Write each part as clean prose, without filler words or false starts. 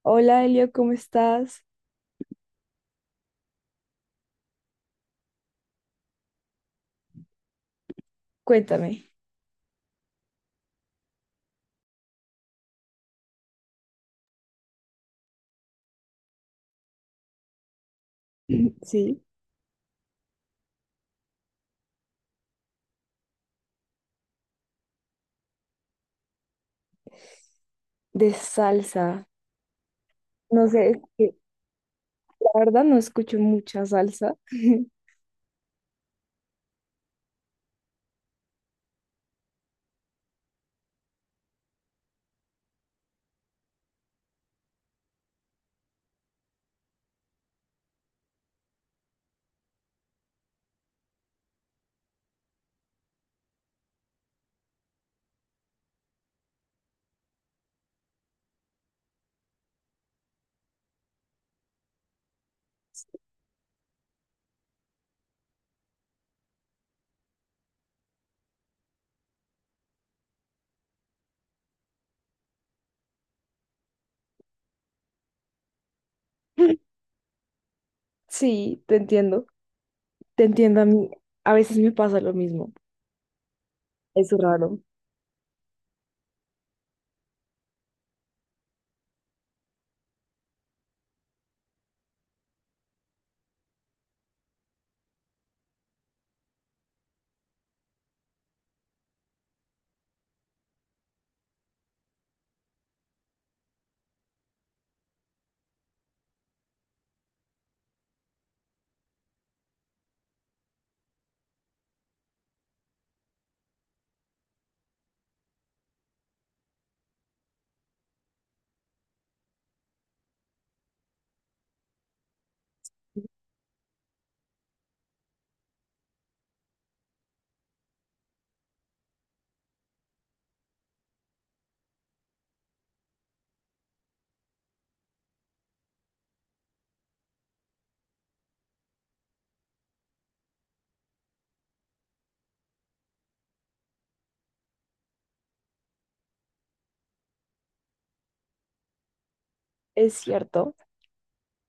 Hola Elio, ¿cómo estás? Cuéntame. Sí, de salsa. No sé, es que la verdad no escucho mucha salsa. Sí, te entiendo. Te entiendo a mí. A veces me pasa lo mismo. Es raro. Es cierto.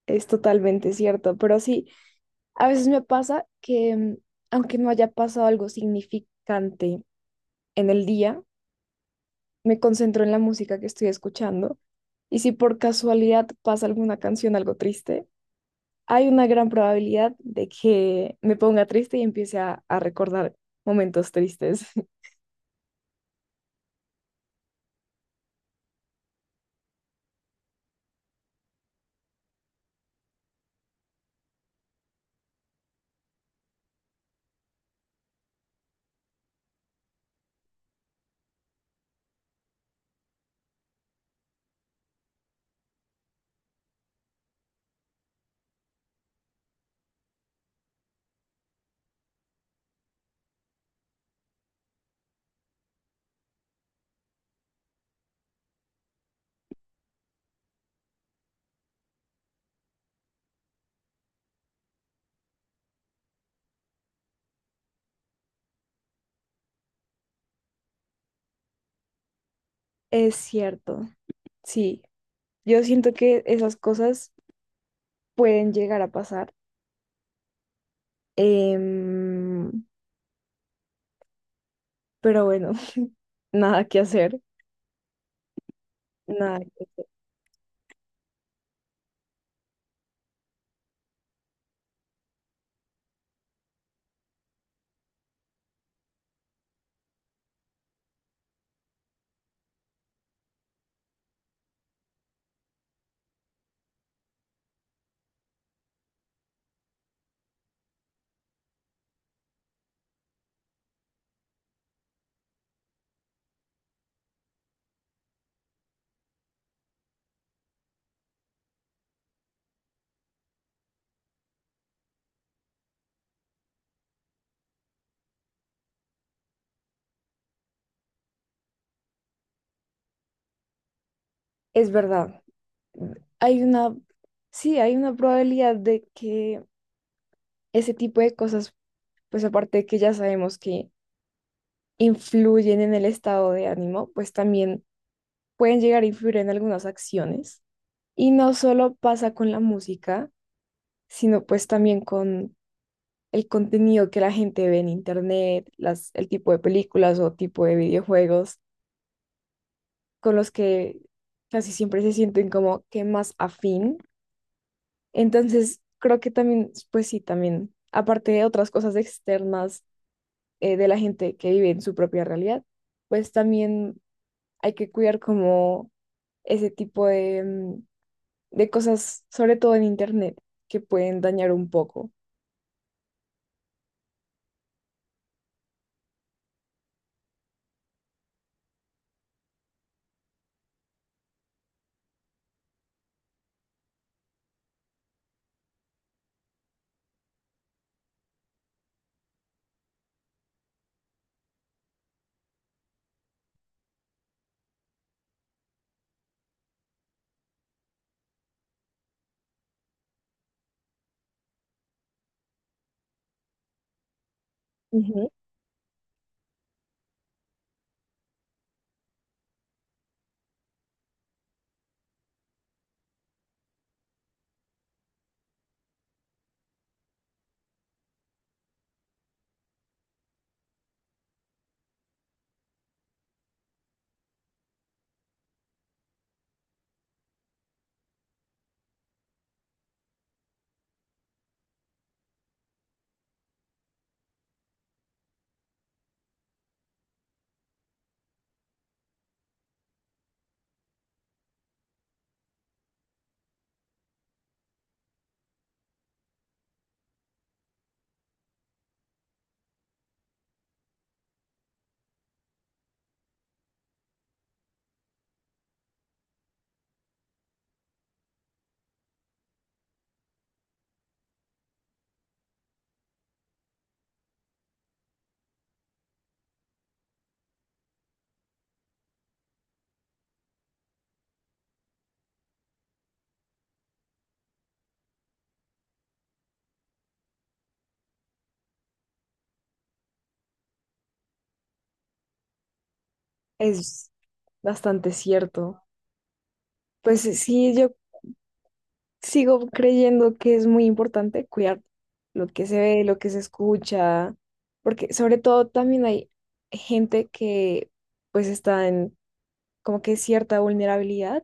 Es totalmente cierto. Pero sí, a veces me pasa que aunque no haya pasado algo significante en el día, me concentro en la música que estoy escuchando. Y si por casualidad pasa alguna canción algo triste, hay una gran probabilidad de que me ponga triste y empiece a recordar momentos tristes. Es cierto, sí. Yo siento que esas cosas pueden llegar a pasar. em, pero bueno, nada que hacer, nada que hacer. Es verdad. Hay una, sí, hay una probabilidad de que ese tipo de cosas, pues aparte de que ya sabemos que influyen en el estado de ánimo, pues también pueden llegar a influir en algunas acciones. Y no solo pasa con la música, sino pues también con el contenido que la gente ve en internet, las, el tipo de películas o tipo de videojuegos con los que casi siempre se sienten como que más afín. Entonces, creo que también, pues sí, también, aparte de otras cosas externas de la gente que vive en su propia realidad, pues también hay que cuidar como ese tipo de, de cosas, sobre todo en internet, que pueden dañar un poco. Es bastante cierto. Pues sí, yo sigo creyendo que es muy importante cuidar lo que se ve, lo que se escucha, porque sobre todo también hay gente que pues está en como que cierta vulnerabilidad,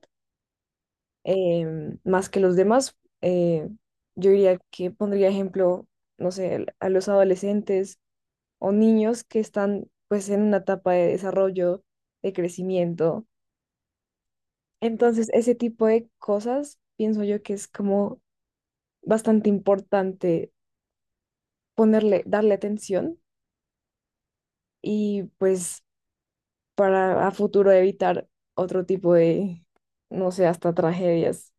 más que los demás. Eh, yo diría que pondría ejemplo, no sé, a los adolescentes o niños que están pues en una etapa de desarrollo, de crecimiento. Entonces, ese tipo de cosas pienso yo que es como bastante importante ponerle, darle atención y pues para a futuro evitar otro tipo de, no sé, hasta tragedias.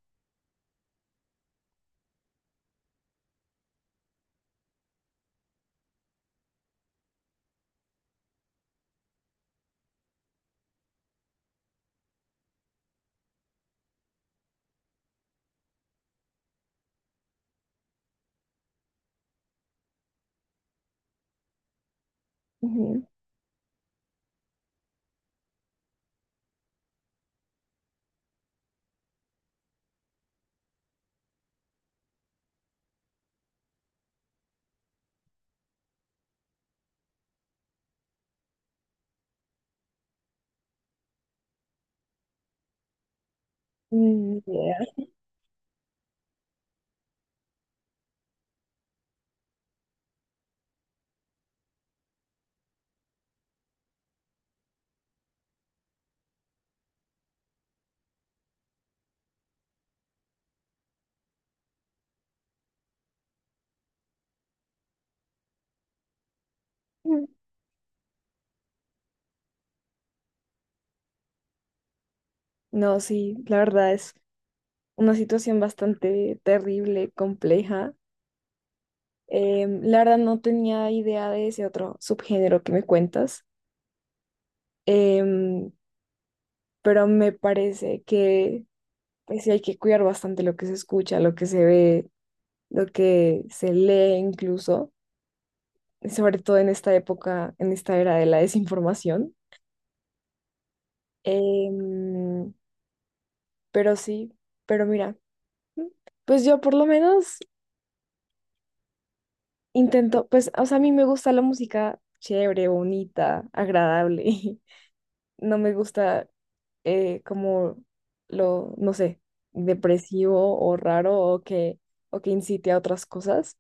Ujú. Mm, yeah. Mm. No, sí, la verdad es una situación bastante terrible, compleja. La verdad no tenía idea de ese otro subgénero que me cuentas, em, pero me parece que pues sí hay que cuidar bastante lo que se escucha, lo que se ve, lo que se lee incluso, sobre todo en esta época, en esta era de la desinformación. Em, pero sí, pero mira, mm, pues yo por lo menos intento, pues, o sea, a mí me gusta la música chévere, bonita, agradable. No me gusta como lo, no sé, depresivo o raro o que incite a otras cosas.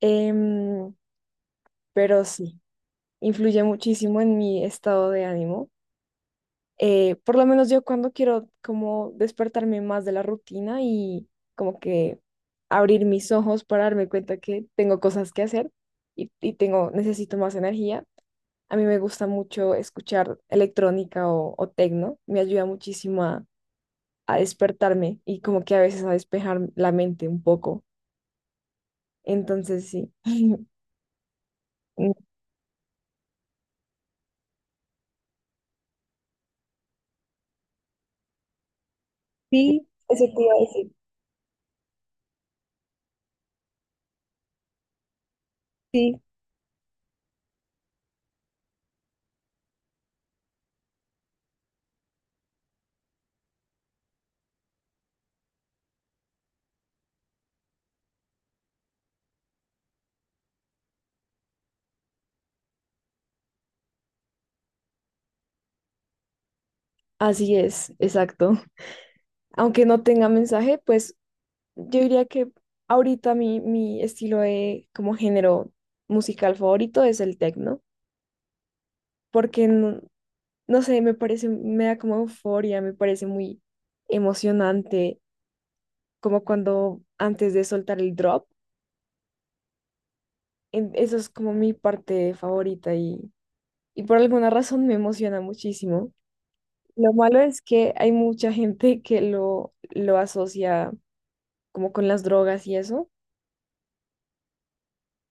Em, pero sí, influye muchísimo en mi estado de ánimo. Por lo menos yo cuando quiero como despertarme más de la rutina y como que abrir mis ojos para darme cuenta que tengo cosas que hacer y tengo, necesito más energía. A mí me gusta mucho escuchar electrónica o tecno. Me ayuda muchísimo a despertarme y como que a veces a despejar la mente un poco. Entonces sí. Mm, sí, eso te iba a decir. Sí, así es, exacto. Aunque no tenga mensaje, pues yo diría que ahorita mi estilo de como género musical favorito es el techno, porque no, no sé, me parece, me da como euforia, me parece muy emocionante, como cuando antes de soltar el drop, eso es como mi parte favorita y por alguna razón me emociona muchísimo. Lo malo es que hay mucha gente que lo asocia como con las drogas y eso.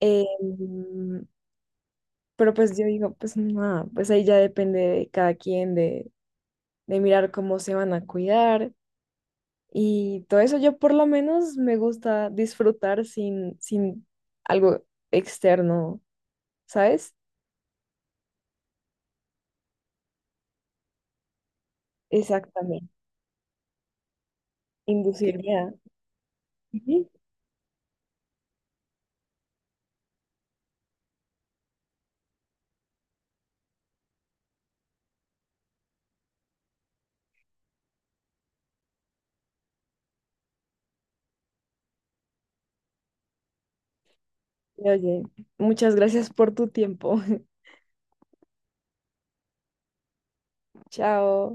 Em, pero pues yo digo, pues nada, pues ahí ya depende de cada quien, de mirar cómo se van a cuidar y todo eso. Yo por lo menos me gusta disfrutar sin algo externo, ¿sabes? Exactamente, inducirme a... Ujú. Oye, muchas gracias por tu tiempo. Chao.